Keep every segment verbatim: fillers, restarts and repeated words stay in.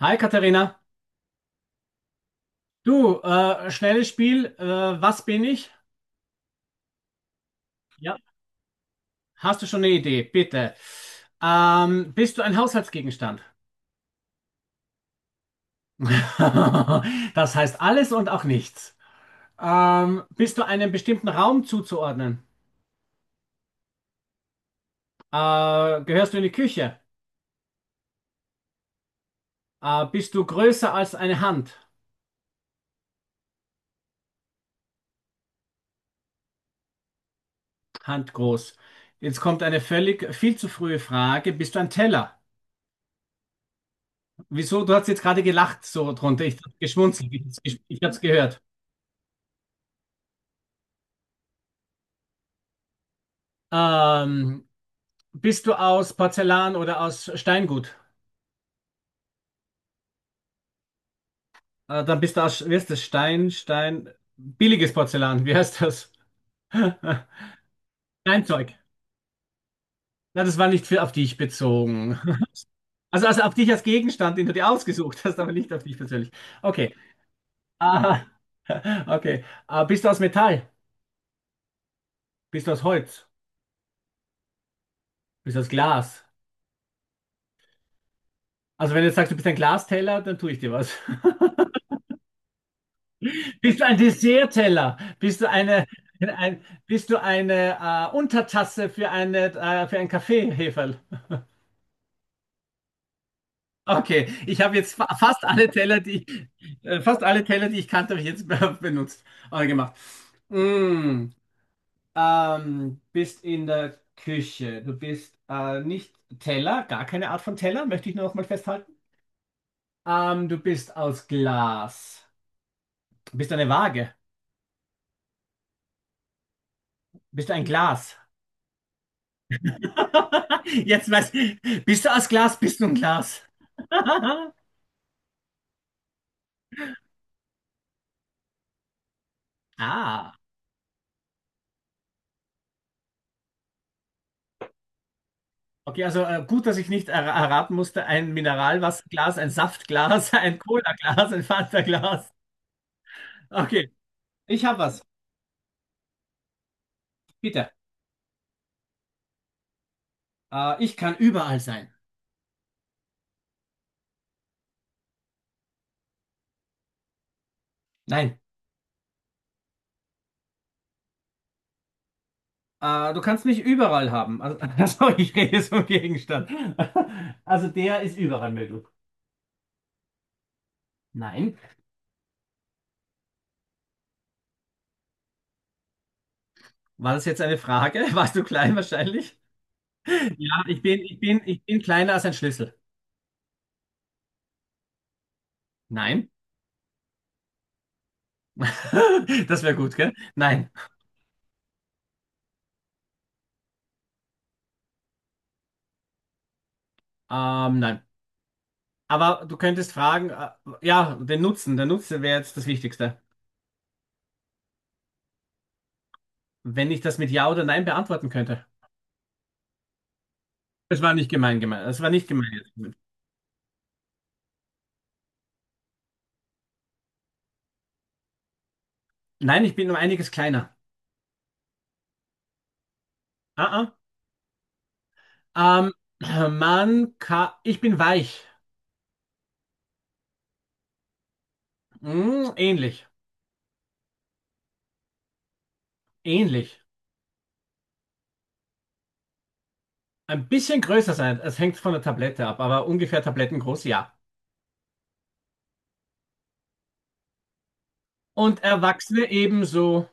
Hi Katharina, du, äh, schnelles Spiel, äh, was bin ich? Ja. Hast du schon eine Idee? Bitte. Ähm, bist du ein Haushaltsgegenstand? Das heißt alles und auch nichts. Ähm, bist du einem bestimmten Raum zuzuordnen? Äh, gehörst du in die Küche? Äh, bist du größer als eine Hand? Handgroß. Jetzt kommt eine völlig viel zu frühe Frage. Bist du ein Teller? Wieso? Du hast jetzt gerade gelacht so drunter. Ich habe geschmunzelt. Ich, ich, ich habe es gehört. Ähm, Bist du aus Porzellan oder aus Steingut? Äh, Dann bist du aus, wie heißt das? Stein, Stein, billiges Porzellan, wie heißt das? Steinzeug. Na, das war nicht für, auf dich bezogen. Also, also auf dich als Gegenstand, den du dir ausgesucht hast, aber nicht auf dich persönlich. Okay. Ah, okay. Ah, bist du aus Metall? Bist du aus Holz? Bist du aus Glas? Also wenn du jetzt sagst, du bist ein Glasteller, dann tue ich dir was. Bist du ein Dessertteller? Bist du eine, ein, bist du eine äh, Untertasse für eine, äh, für einen Kaffeeheferl? Okay, ich habe jetzt fa fast alle Teller, die äh, fast alle Teller, die ich kannte, habe ich jetzt be- benutzt oder gemacht. Mm, ähm, bist in der Küche. Du bist äh, nicht Teller, gar keine Art von Teller, möchte ich nur noch mal festhalten. Ähm, du bist aus Glas. Bist du eine Waage? Bist du ein Glas? Jetzt weiß bist du aus Glas, bist du ein Glas. Ah, okay, also äh, gut, dass ich nicht er erraten musste, ein Mineralwasserglas, ein Saftglas, ein Cola-Glas, ein Fanta-Glas. Okay, ich habe was. Bitte. Äh, ich kann überall sein. Nein, äh, du kannst mich überall haben. Also, also ich rede jetzt vom Gegenstand. Also der ist überall möglich. Nein. War das jetzt eine Frage? Warst du klein wahrscheinlich? Ja, ich bin, ich bin, ich bin kleiner als ein Schlüssel. Nein. Das wäre gut, gell? Nein. Ähm, nein. Aber du könntest fragen, äh, ja, den Nutzen. Der Nutzen wäre jetzt das Wichtigste. Wenn ich das mit Ja oder Nein beantworten könnte. Es war nicht gemein gemeint. Es war nicht gemein jetzt. Nein, ich bin um einiges kleiner. Ah, ah. Ähm, man kann. Ich bin weich. Hm, ähnlich. Ähnlich. Ein bisschen größer sein. Es hängt von der Tablette ab, aber ungefähr tablettengroß, ja. Und Erwachsene ebenso.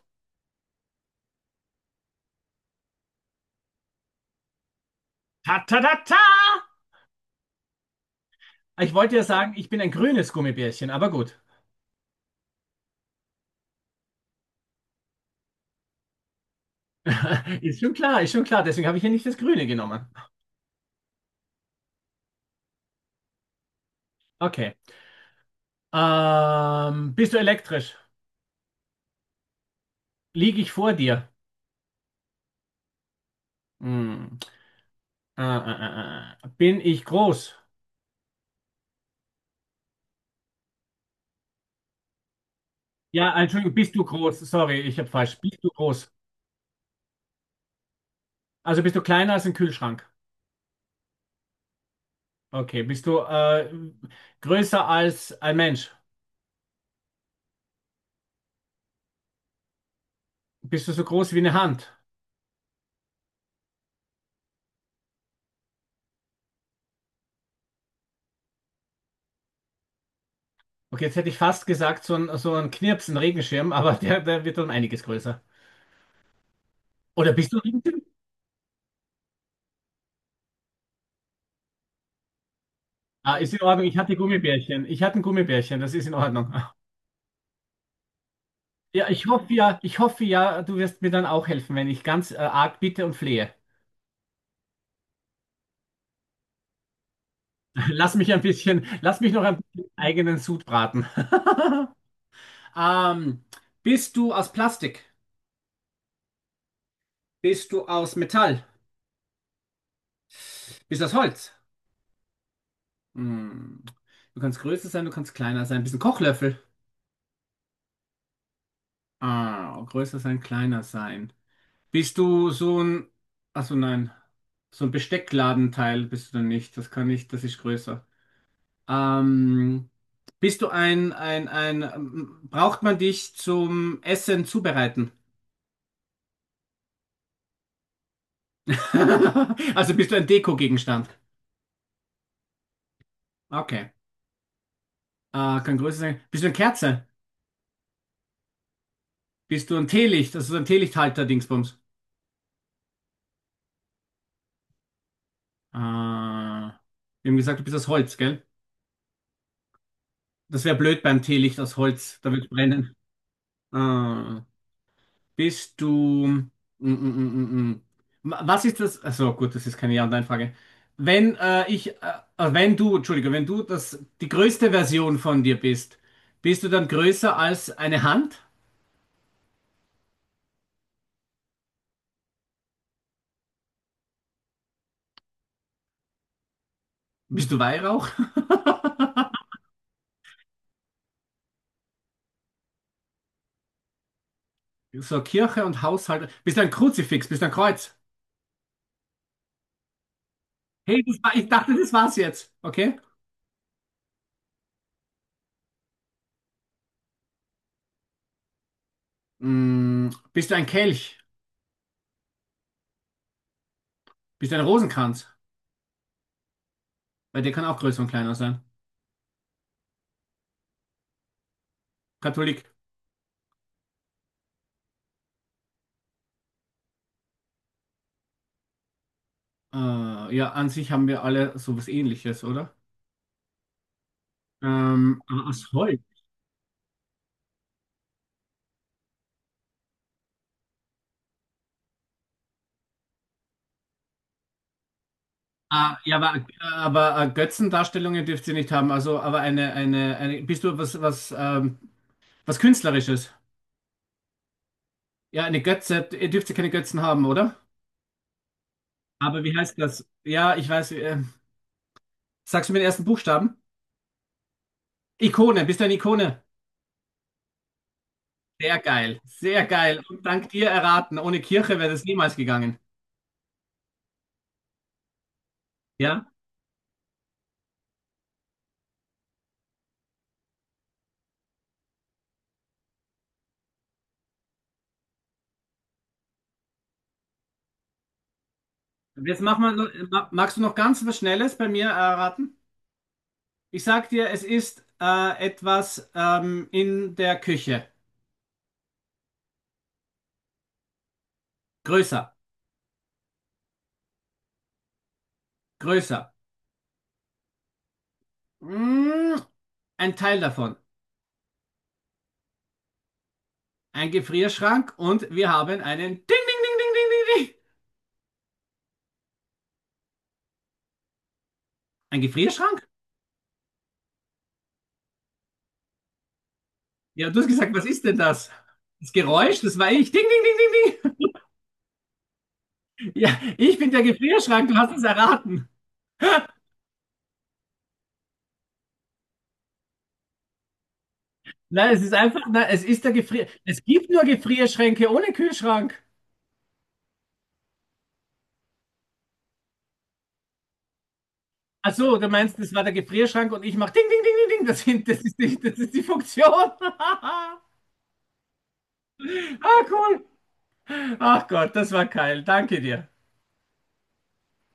Ta-ta-ta-ta! Ich wollte ja sagen, ich bin ein grünes Gummibärchen, aber gut. Ist schon klar, ist schon klar. Deswegen habe ich ja nicht das Grüne genommen. Okay. Ähm, bist du elektrisch? Liege ich vor dir? Hm. Äh, äh, äh. Bin ich groß? Ja, Entschuldigung, bist du groß? Sorry, ich habe falsch. Bist du groß? Also bist du kleiner als ein Kühlschrank? Okay. Bist du äh, größer als ein Mensch? Bist du so groß wie eine Hand? Okay, jetzt hätte ich fast gesagt, so ein, so ein Knirps, ein Regenschirm, aber der, der wird dann einiges größer. Oder bist du ein Regenschirm? Ah, ist in Ordnung. Ich hatte Gummibärchen. Ich hatte ein Gummibärchen. Das ist in Ordnung. Ja, ich hoffe ja, ich hoffe ja, du wirst mir dann auch helfen, wenn ich ganz äh, arg bitte und flehe. Lass mich ein bisschen, lass mich noch ein bisschen eigenen Sud braten. Ähm, Bist du aus Plastik? Bist du aus Metall? Bist du aus Holz? Hm. Du kannst größer sein, du kannst kleiner sein. Bist ein Kochlöffel? Ah, größer sein, kleiner sein. Bist du so ein, also nein, so ein Besteckladenteil bist du dann nicht. Das kann ich, das ist größer. Ähm, bist du ein, ein, ein, ähm, braucht man dich zum Essen zubereiten? Also bist du ein Dekogegenstand? Okay. Äh, kann größer sein. Bist du eine Kerze? Bist du ein Teelicht? Also so ein Teelichthalter-Dingsbums. Äh, wir haben gesagt, du bist aus Holz, gell? Das wäre blöd beim Teelicht aus Holz. Da wird brennen. Äh, Bist du. Mm, mm, mm, mm. Was ist das? Also gut, das ist keine Ja- und Nein-Frage. Wenn äh, ich, äh, äh, wenn du, Entschuldige, wenn du das, die größte Version von dir bist, bist du dann größer als eine Hand? Bist du Weihrauch? So Kirche und Haushalt. Bist du ein Kruzifix? Bist du ein Kreuz? Hey, das war, ich dachte, das war's jetzt. Okay? Mm, bist du ein Kelch? Bist du ein Rosenkranz? Weil der kann auch größer und kleiner sein. Katholik. Äh, ja, an sich haben wir alle sowas Ähnliches, oder? Ähm, aus Holz. Ah, ja, aber, aber äh, Götzendarstellungen dürft ihr nicht haben. Also, aber eine, eine, eine, bist du was, was, ähm, was Künstlerisches? Ja, eine Götze, ihr dürft ja keine Götzen haben, oder? Aber wie heißt das? Ja, ich weiß. Äh, sagst du mir den ersten Buchstaben? Ikone, bist du eine Ikone? Sehr geil, sehr geil. Und dank dir erraten, ohne Kirche wäre das niemals gegangen. Ja? Jetzt mach mal, noch- ma- magst du noch ganz was Schnelles bei mir erraten? Ich sag dir, es ist äh, etwas ähm, in der Küche. Größer, größer. Mm, ein Teil davon. Ein Gefrierschrank und wir haben einen Ding, Ding, Ding, Ding, Ding, Ding, Ding. Ein Gefrierschrank? Ja, du hast gesagt, was ist denn das? Das Geräusch, das war ich. Ding, ding, ding, ding, ding. Ja, ich bin der Gefrierschrank, du hast es erraten. Nein, es ist einfach, nein, es ist der Gefrier. Es gibt nur Gefrierschränke ohne Kühlschrank. Ach so, du meinst, das war der Gefrierschrank und ich mach ding, ding, ding, ding, ding. Das sind, das ist die, das ist die Funktion. Ah, cool. Ach Gott, das war geil. Danke dir.